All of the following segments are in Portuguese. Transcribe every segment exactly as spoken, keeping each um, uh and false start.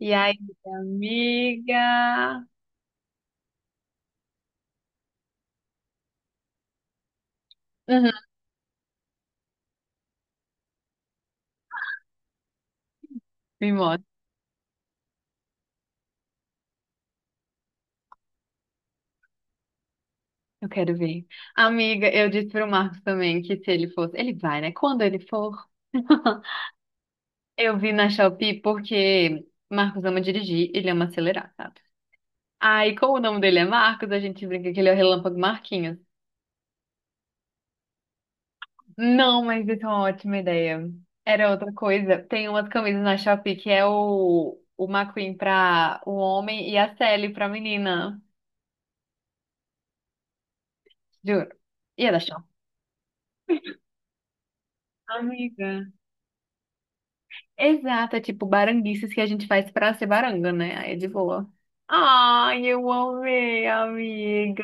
E aí, amiga? Uhum. Me mostra, eu quero ver. Amiga, eu disse pro Marcos também que se ele fosse. Ele vai, né? Quando ele for. Eu vi na Shopee porque Marcos ama dirigir, ele ama acelerar, sabe? Aí, como o nome dele é Marcos, a gente brinca que ele é o Relâmpago Marquinhos. Não, mas isso é uma ótima ideia. Era outra coisa. Tem umas camisas na Shopee que é o, o McQueen pra o homem e a Sally pra menina. Juro. E é da Shopee. Amiga. Exato, é tipo baranguices que a gente faz pra ser baranga, né? Aí é de boa. Ai, eu amei, amiga.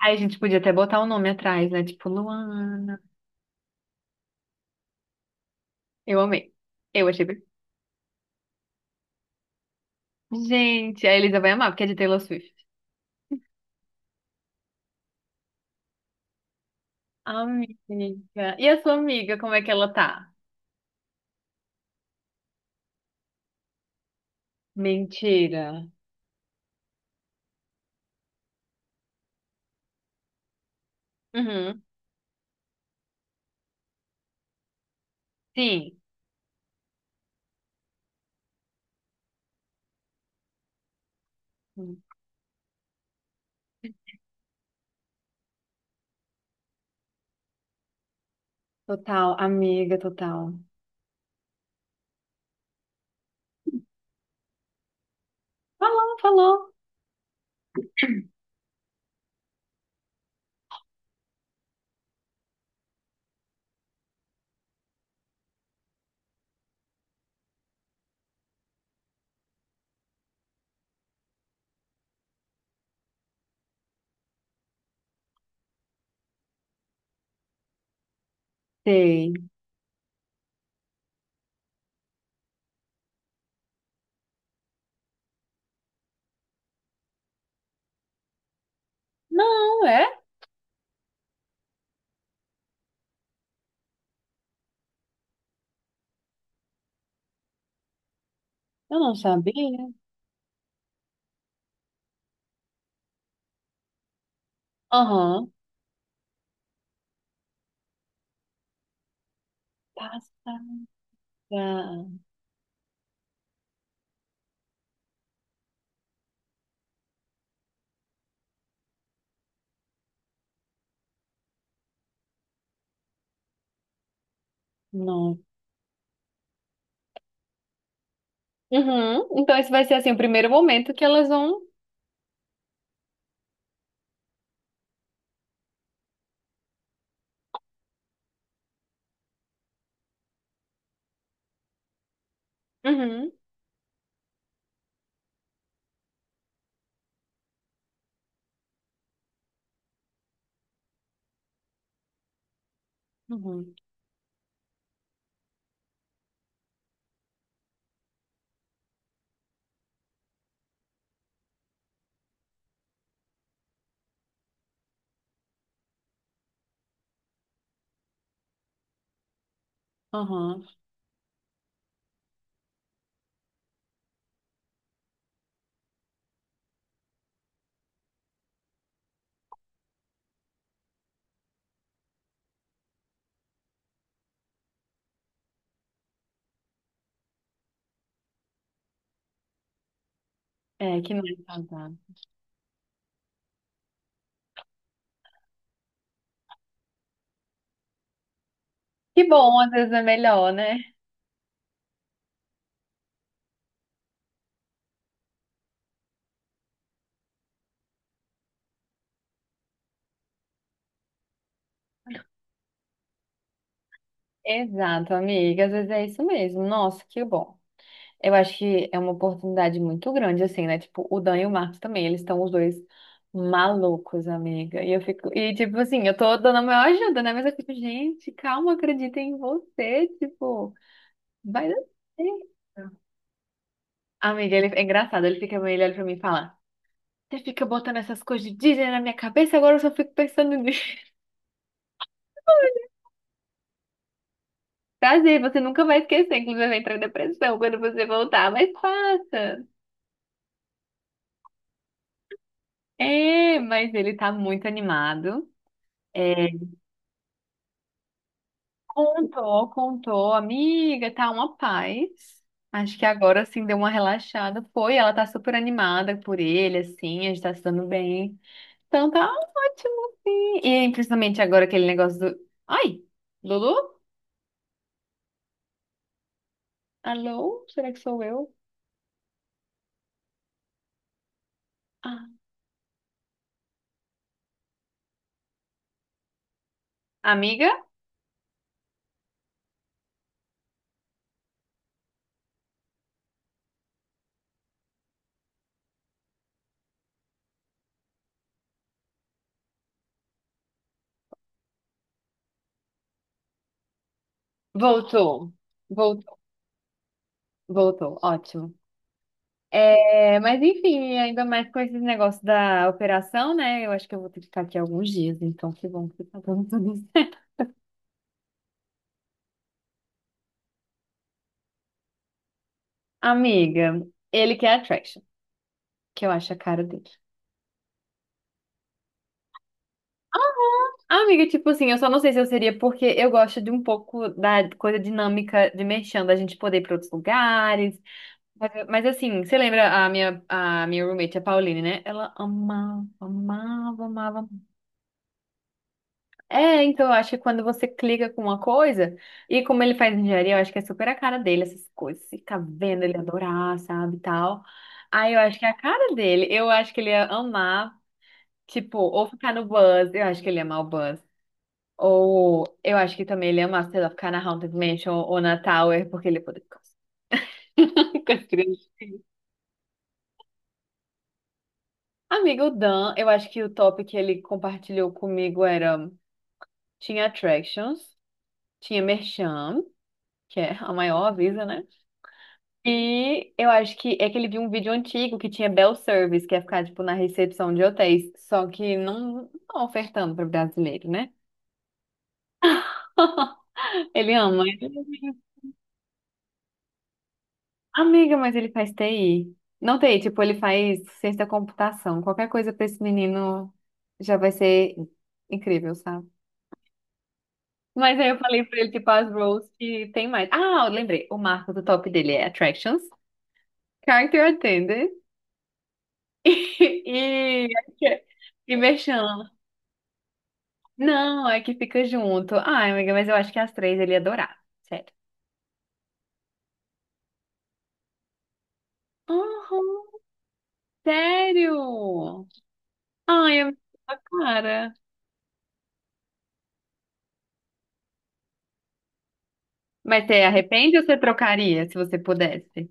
Aí a gente podia até botar o nome atrás, né? Tipo, Luana. Eu amei. Eu achei. bem- Gente, a Elisa vai amar, porque é de Taylor Swift. Amiga. E a sua amiga, como é que ela tá? Mentira. Uhum. Sim. Total, amiga, total. Falou, falou. Sei. Não, é? Eu não sabia. Aham. Passa. Ah, não. Uhum. Então esse vai ser assim o primeiro momento que elas vão. Uhum. Uhum. Aham. É, que não é casado. Que bom, às vezes é melhor, né? Exato, amiga, às vezes é isso mesmo. Nossa, que bom. Eu acho que é uma oportunidade muito grande, assim, né? Tipo, o Dan e o Marcos também, eles estão os dois malucos, amiga. E eu fico, e tipo assim, eu tô dando a maior ajuda, né? Mas eu fico, gente, calma, acredita em você, tipo, vai dar certo. Amiga, ele é engraçado. Ele fica meio olhando pra mim e fala: Você fica botando essas coisas de Disney na minha cabeça, agora eu só fico pensando nisso. Prazer, você nunca vai esquecer, inclusive vai entrar em depressão quando você voltar, mas passa. É, mas ele tá muito animado. É, contou, contou, amiga, tá uma paz. Acho que agora assim deu uma relaxada. Foi, ela tá super animada por ele, assim, a gente tá se dando bem. Então tá ótimo, sim. E principalmente agora aquele negócio do. Ai, Lulu? Alô? Será que sou eu? Ah, amiga? Voltou. Voltou, voltou. Ótimo. É, mas enfim, ainda mais com esses negócios da operação, né? Eu acho que eu vou ter que ficar aqui alguns dias, então que bom que tá dando tudo certo. Amiga, ele quer attraction, que eu acho a cara dele. Ah, Amiga, tipo assim, eu só não sei se eu seria porque eu gosto de um pouco da coisa dinâmica de merchan, da gente poder ir pra outros lugares. Mas, mas assim, você lembra a minha, a minha roommate, a Pauline, né? Ela amava, amava, amava. Amava. É, então eu acho que quando você clica com uma coisa, e como ele faz engenharia, eu acho que é super a cara dele, essas coisas. Fica vendo ele adorar, sabe, e tal. Aí eu acho que é a cara dele. Eu acho que ele ia amar, tipo, ou ficar no Buzz, eu acho que ele ia amar o Buzz. Ou eu acho que também ele ia amar, sei lá, ficar na Haunted Mansion ou na Tower, porque ele ia poder ficar com as crianças. Amigo o Dan, eu acho que o top que ele compartilhou comigo era tinha Attractions, tinha Merchan, que é a maior avisa, né? E eu acho que é que ele viu um vídeo antigo que tinha Bell Service, que é ficar tipo na recepção de hotéis, só que não, não ofertando para brasileiro, né? Ele ama. Amiga, mas ele faz T I. Não T I, tipo, ele faz ciência da computação. Qualquer coisa para esse menino já vai ser incrível, sabe? Mas aí eu falei pra ele, tipo, as roles que tem mais. Ah, eu lembrei. O marco do top dele é Attractions, Character Attendant e, e Merchan. Não, é que fica junto. Ai, amiga, mas eu acho que as três ele ia adorar. Sério. Uhum, sério? Ai, é muito a cara. Mas você arrepende ou você trocaria, se você pudesse?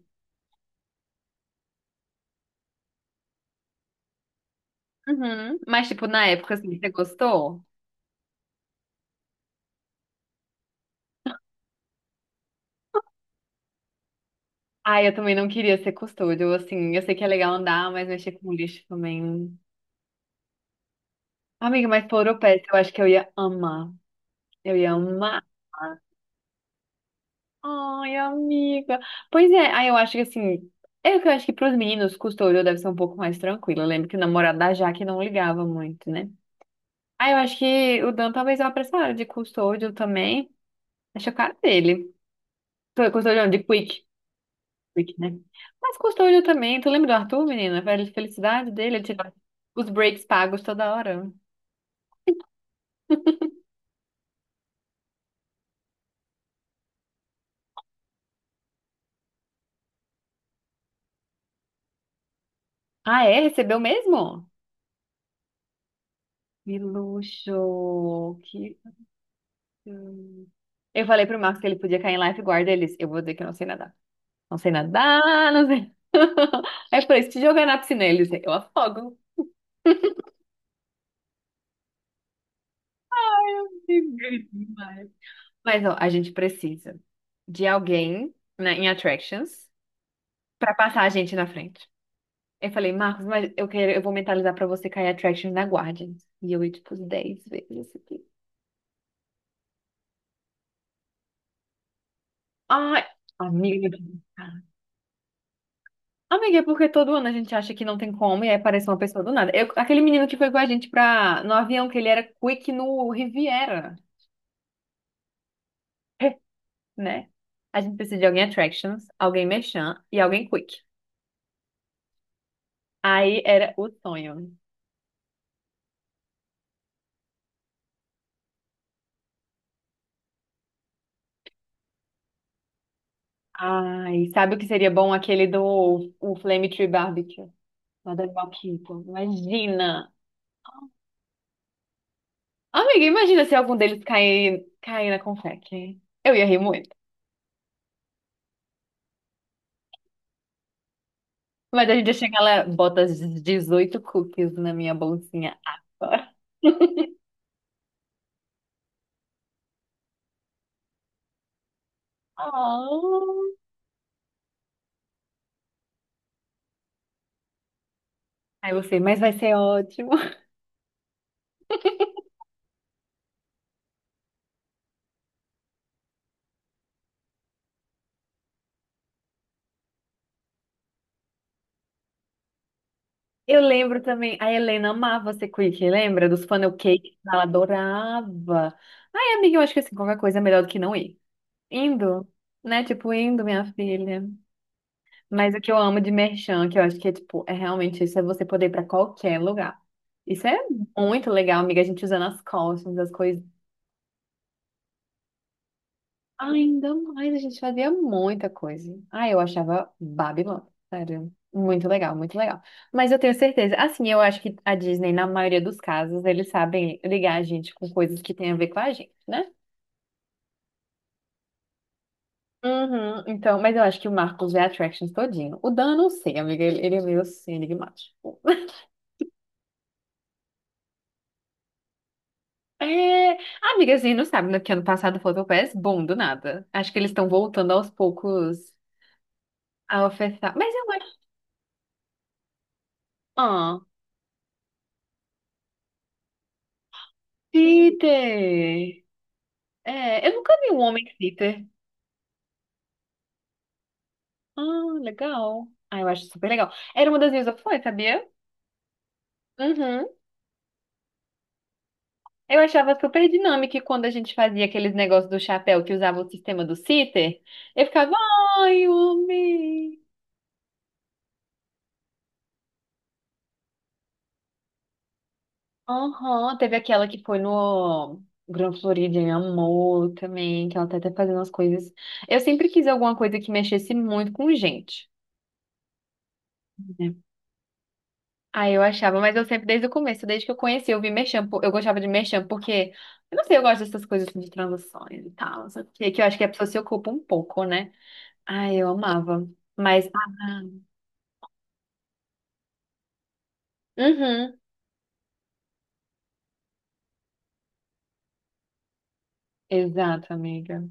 Uhum. Mas, tipo, na época, assim, você gostou? Ai, eu também não queria ser custódio, assim, eu sei que é legal andar, mas mexer com lixo também. Amiga, mas Poloropeça, eu acho que eu ia amar. Eu ia amar. Ai, amiga. Pois é, aí eu acho que assim. É que eu acho que pros meninos, custódio deve ser um pouco mais tranquilo. Eu lembro que o namorado da Jaque não ligava muito, né? Aí eu acho que o Dan talvez eu apressara de custódio também. Acho a cara dele. Tô- Custódio não, de Quick. Quick, né? Mas custódio também. Tu lembra do Arthur, menina? A felicidade dele, ele tirava os breaks pagos toda hora. Ah, é? Recebeu mesmo? Que luxo! Que Hum. Eu falei pro Marcos que ele podia cair em lifeguard. Eles, eu vou dizer que eu não sei nadar. Não sei nadar, não sei. Aí eu falei, se te jogar na piscina, ele disse, eu afogo. Demais. Mas, ó, a gente precisa de alguém, né, em Attractions pra passar a gente na frente. Eu falei, Marcos, mas eu quero, eu vou mentalizar pra você cair em Attractions na Guardians. E eu ia, tipo, dez vezes isso aqui. Ai, amiga. Amiga, é porque todo ano a gente acha que não tem como e aí aparece uma pessoa do nada. Eu- aquele menino que foi com a gente pra, no avião, que ele era quick no Riviera, né? A gente precisa de alguém attractions, alguém merchan e alguém quick. Aí era o sonho. Ai, sabe o que seria bom? Aquele do o Flame Tree Barbecue, lá da Valquíria. Imagina! Amiga, imagina se algum deles cair, cair na confeque. Eu ia rir muito. Mas a gente chega lá, bota as dezoito cookies na minha bolsinha agora. Oh. Aí você, mas vai ser ótimo. Eu lembro também, a Helena amava ser quick, lembra? Dos funnel cakes, ela adorava. Ai, amiga, eu acho que assim, qualquer coisa é melhor do que não ir. Indo, né? Tipo, indo, minha filha. Mas o que eu amo de merchan, que eu acho que é tipo, é realmente isso, é você poder ir pra qualquer lugar. Isso é muito legal, amiga, a gente usando as costas, as coisas. Ainda mais, a gente fazia muita coisa. Ah, eu achava Babylon, sério. Muito legal, muito legal. Mas eu tenho certeza, assim, eu acho que a Disney, na maioria dos casos, eles sabem ligar a gente com coisas que têm a ver com a gente, né? Uhum, então, mas eu acho que o Marcos vê Attractions todinho. O Dan, eu não sei, amiga, ele, ele é meio assim, enigmático. É, amiga, assim, não sabe, né, que ano passado o Photopass, bom, do nada. Acho que eles estão voltando aos poucos a ofertar. Mas eu acho. Ah, Peter! É, eu nunca vi um homem glitter. Ah, legal. Ah, eu acho super legal. Era uma das minhas opções, sabia? Uhum. Eu achava super dinâmico e quando a gente fazia aqueles negócios do chapéu que usava o sistema do sitter. Eu ficava, ai, homem. Aham, teve aquela que foi no Gran Florida e amou também, que ela tá até fazendo as coisas. Eu sempre quis alguma coisa que mexesse muito com gente. Né? Ah, eu achava, mas eu sempre, desde o começo, desde que eu conheci, eu vi merchan, po- eu gostava de merchan, porque, eu não sei, eu gosto dessas coisas assim, de transações e tal, não sei o quê, que eu acho que a pessoa se ocupa um pouco, né? Ah, eu amava, mas, ah, uhum, exato, amiga.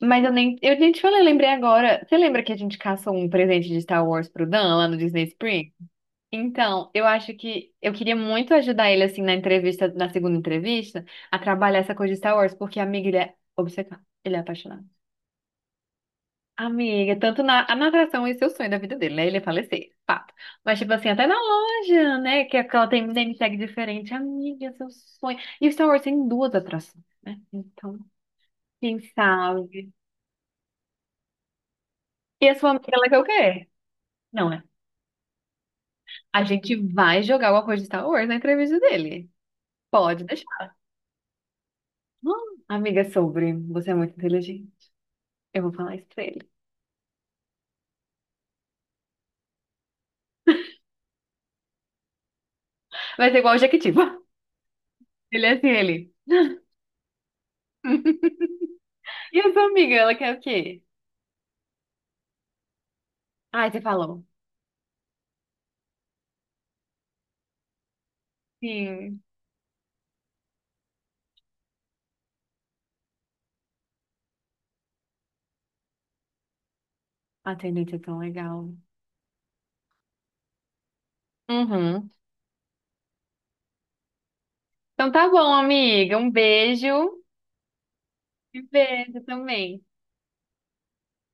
Mas eu nem, eu nem te falei, lembrei agora, você lembra que a gente caçou um presente de Star Wars pro Dan, lá no Disney Springs? Então, eu acho que eu queria muito ajudar ele, assim, na entrevista, na segunda entrevista, a trabalhar essa coisa de Star Wars, porque, amiga, ele é obcecado, ele é apaixonado. Amiga, tanto na, a natação, esse é o sonho da vida dele, né? Ele é falecer, fato. Mas, tipo assim, até na loja, né? Que aquela tem um name tag diferente. Amiga, seu sonho. E Star Wars tem duas atrações, né? Então, quem sabe? E a sua amiga, ela quer o quê? Não, é. A gente vai jogar alguma coisa de Star Wars na entrevista dele. Pode deixar. Hum, amiga, sobre. Você é muito inteligente. Eu vou falar isso pra ele. Vai ser igual o Jequitiba. Ele é assim, ele. E a sua amiga, ela quer o quê? Ai, você falou. Sim. Atendente é tão legal. Uhum. Então tá bom, amiga. Um beijo. E beijo também.